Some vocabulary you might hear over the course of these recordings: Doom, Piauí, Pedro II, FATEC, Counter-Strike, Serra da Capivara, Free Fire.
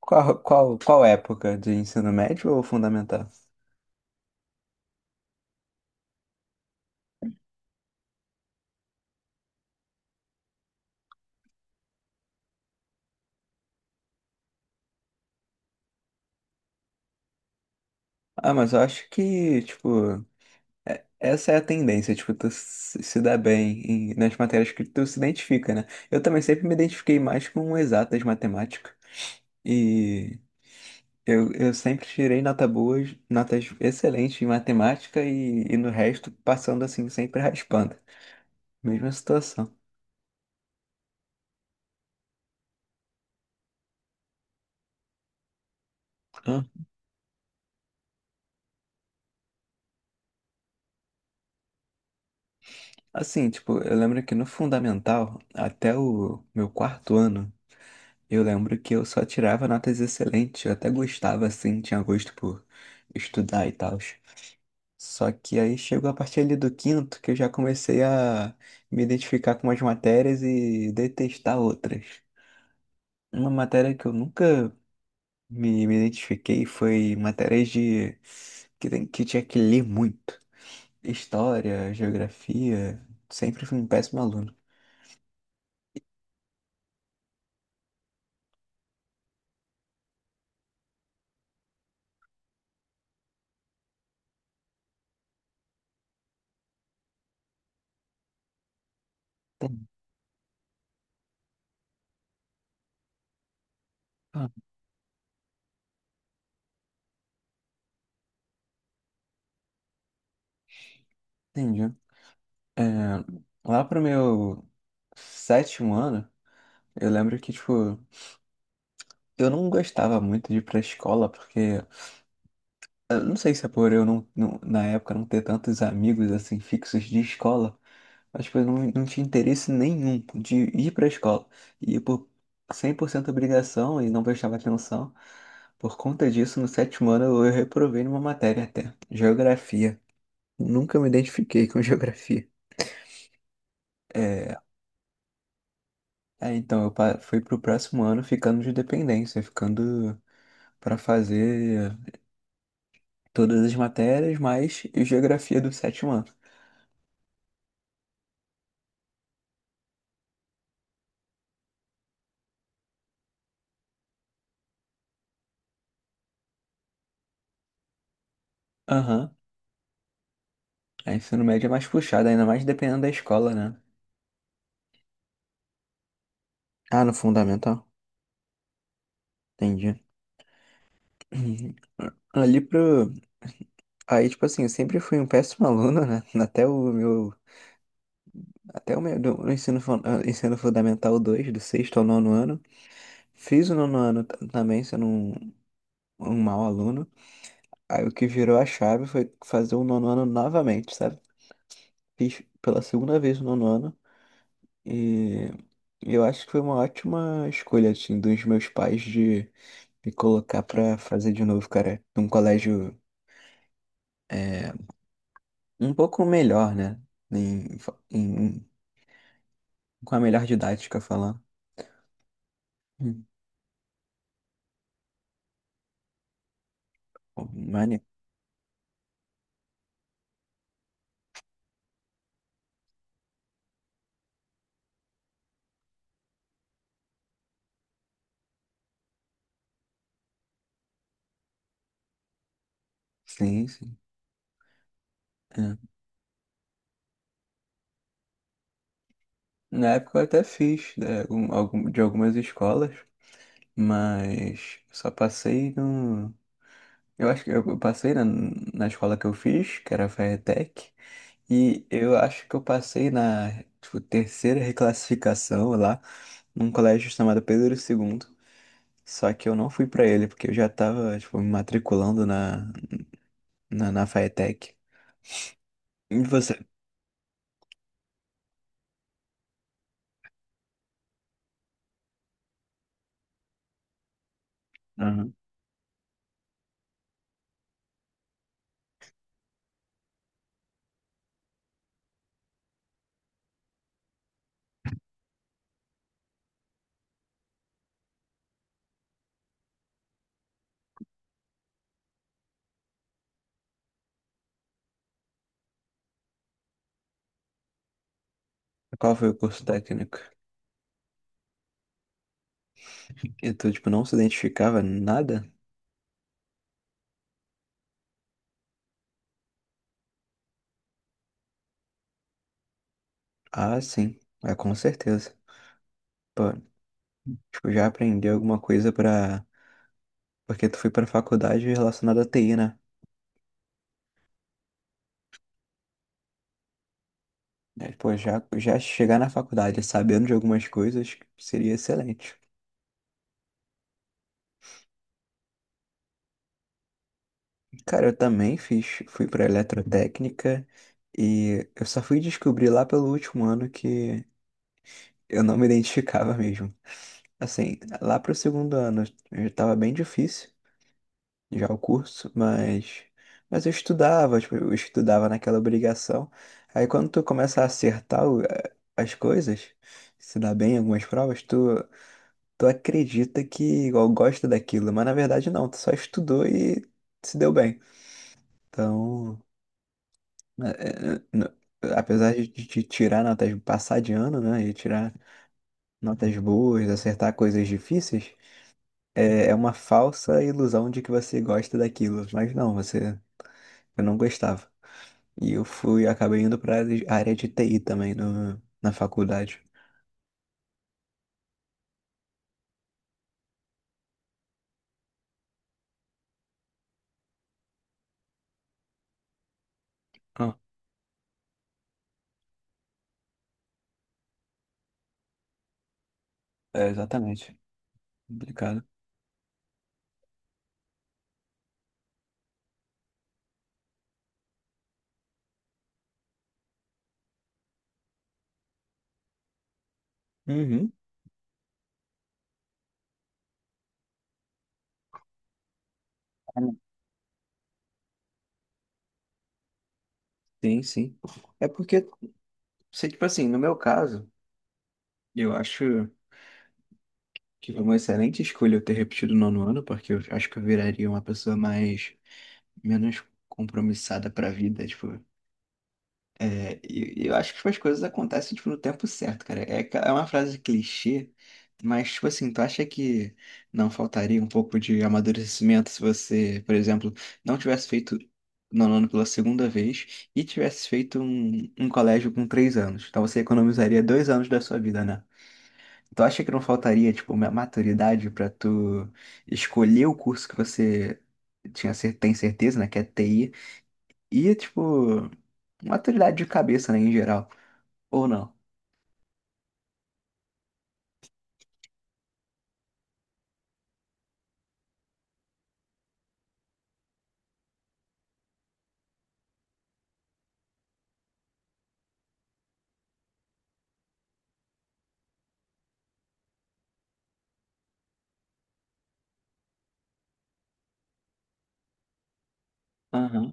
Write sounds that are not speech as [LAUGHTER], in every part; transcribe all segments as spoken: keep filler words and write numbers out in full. Qual, qual, qual época de ensino médio ou fundamental? Ah, mas eu acho que, tipo, é- essa é a tendência, tipo, tu se se dá bem em- nas matérias que tu se identifica, né? Eu também sempre me identifiquei mais com exatas matemática. E eu, eu sempre tirei nota boas, notas excelentes em matemática e, e no resto, passando assim, sempre raspando. Mesma situação. Hã? Assim, tipo, eu lembro que no fundamental, até o meu quarto ano, eu lembro que eu só tirava notas excelentes, eu até gostava assim, tinha gosto por estudar e tal. Só que aí chegou a partir ali do quinto que eu já comecei a me identificar com umas matérias e detestar outras. Uma matéria que eu nunca me, me identifiquei foi matérias de que, tem, que tinha que ler muito. História, geografia, sempre fui um péssimo aluno. Entendi. Ah, entendi. É, lá pro meu sétimo ano. Eu lembro que, tipo, eu não gostava muito de ir pra escola, porque, eu não sei se é por eu não, não- na época não ter tantos amigos, assim, fixos de escola, mas, tipo, eu não, não tinha interesse nenhum de ir pra escola. E por cem por cento obrigação e não prestava atenção. Por conta disso, no sétimo ano eu reprovei numa matéria até, geografia. Nunca me identifiquei com [LAUGHS] geografia. É, é, então eu pa- fui pro próximo ano ficando de dependência, ficando pra fazer todas as matérias, mais geografia do sétimo ano. Aham. A ensino médio é mais puxado, ainda mais dependendo da escola, né? Ah, no fundamental? Entendi. [CLEARS THROAT] Ali pro. Aí, tipo assim, eu sempre fui um péssimo [LAUGHS] aluno, né? Até o meu. Até o meu do- no ensino, fun- ah, ensino fundamental dois, do sexto ao nono ano. Fiz o nono ano t- também, sendo um, um mau aluno. Aí o que virou a chave foi fazer o nono ano novamente, sabe? Fiz pela segunda vez o nono ano. E eu acho que foi uma ótima escolha, assim, dos meus pais de me colocar pra fazer de novo, cara, num colégio é, um pouco melhor, né? Em, em- com a melhor didática falando. Hum, pô, maneiro. Sim, sim. É. Na época eu até fiz né, algum- algum- de algumas escolas, mas só passei no. Eu acho que eu passei na, na escola que eu fiz, que era a FATEC. E eu acho que eu passei na, tipo, terceira reclassificação lá, num colégio chamado Pedro dois. Só que eu não fui pra ele, porque eu já tava, tipo, me matriculando na, na, na FATEC. E você? Aham. Qual foi o curso técnico? E tu, tipo, não se identificava nada? Ah, sim. É, com certeza. Pô, tipo, já aprendeu alguma coisa pra... Porque tu foi pra faculdade relacionada à T I, né? É, pô, já, já chegar na faculdade sabendo de algumas coisas seria excelente. Cara, eu também fiz, fui para eletrotécnica e eu só fui descobrir lá pelo último ano que eu não me identificava mesmo. Assim, lá pro segundo ano já tava bem difícil já o curso, mas mas eu estudava, tipo, eu estudava naquela obrigação. Aí quando tu começa a acertar o- eh, as coisas, se dá bem em algumas provas, tu tu acredita que igual gosta daquilo, mas na verdade não, tu só estudou e se deu bem. Então, eh, n- apesar de te tirar notas, passar de ano, né, e tirar notas boas, acertar coisas difíceis, é, é uma falsa ilusão de que você gosta daquilo, mas não, você, eu não gostava. E eu fui, acabei indo para a área de T I também no, na faculdade. Ah, é, exatamente. Complicado. Uhum. Sim, sim. É porque, se, tipo assim, no meu caso, eu acho que foi uma excelente escolha eu ter repetido o nono ano, porque eu acho que eu viraria uma pessoa mais menos compromissada pra vida, tipo. É, e e eu acho que tipo, as coisas acontecem tipo, no tempo certo, cara. É, ca- é uma frase clichê, mas, tipo assim, tu acha que não faltaria um pouco de amadurecimento se você, por exemplo, não tivesse feito nono ano pela segunda vez e tivesse feito um, um colégio com três anos? Então você economizaria dois anos da sua vida, né? Tu acha que não faltaria, tipo, uma maturidade pra tu escolher o curso que você tinha, cer- tem certeza, né? Que é T I e, tipo, maturidade de cabeça, né, em geral. Ou não. Aham.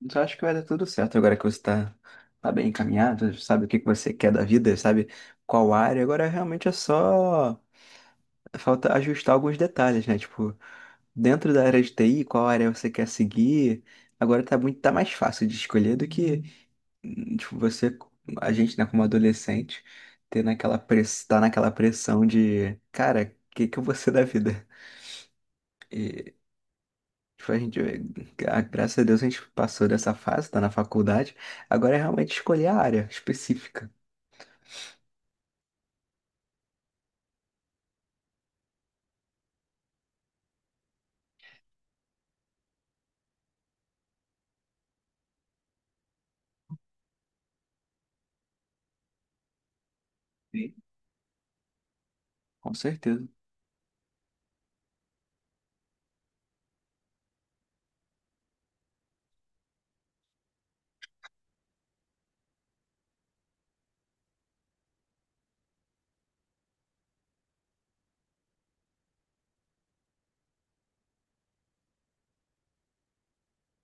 Então acho que vai dar tudo certo agora que você tá, tá bem encaminhado, sabe o que que você quer da vida, sabe qual área. Agora realmente é só. Falta ajustar alguns detalhes, né? Tipo, dentro da área de T I, qual área você quer seguir. Agora tá muito, tá mais fácil de escolher do que, hum, tipo, você, a gente, né, como adolescente, ter naquela press, tá naquela pressão de, cara, o que que eu vou ser da vida? Tipo, a gente, gra- graças a Deus a gente passou dessa fase, tá na faculdade. Agora é realmente escolher a área específica. Sim. Com certeza.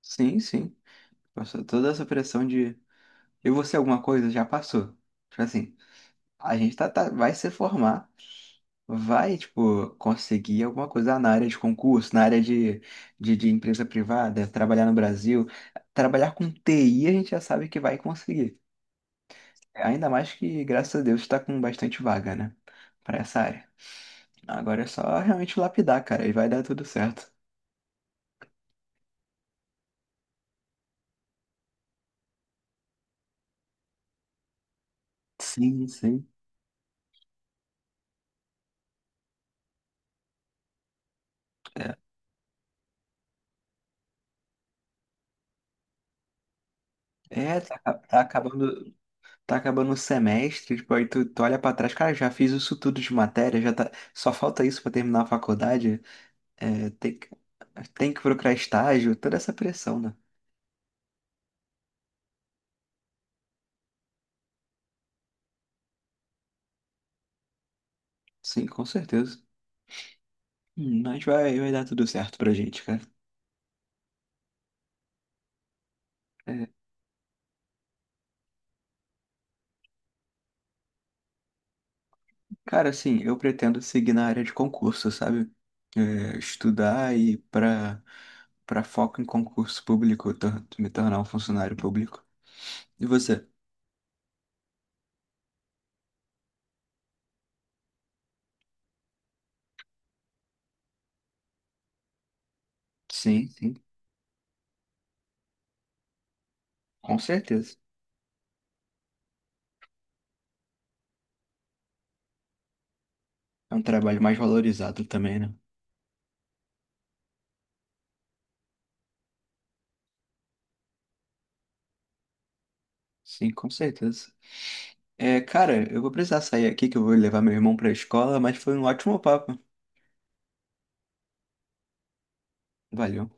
Sim, sim. Passou toda essa pressão de eu vou ser alguma coisa, já passou. Tipo assim, a gente tá, tá- vai se formar, vai, tipo, conseguir alguma coisa na área de concurso, na área de, de, de empresa privada, trabalhar no Brasil. Trabalhar com T I a gente já sabe que vai conseguir. Ainda mais que, graças a Deus, tá com bastante vaga, né? Pra essa área. Agora é só realmente lapidar, cara, e vai dar tudo certo. Sim, sim. É, tá, aca- tá acabando, tá acabando o semestre, tipo, aí tu, tu olha pra trás, cara, já fiz isso tudo de matéria, já tá, só falta isso pra terminar a faculdade, é, tem que, tem que procurar estágio, toda essa pressão, né? Sim, com certeza. Hum, mas vai, vai dar tudo certo pra gente, cara. É, cara, assim, eu pretendo seguir na área de concurso, sabe? É, estudar e para para foco em concurso público, tor- me tornar um funcionário público. E você? Sim, sim, com certeza. É um trabalho mais valorizado também, né? Sim, com certeza. É, cara, eu vou precisar sair aqui que eu vou levar meu irmão pra escola, mas foi um ótimo papo. Valeu.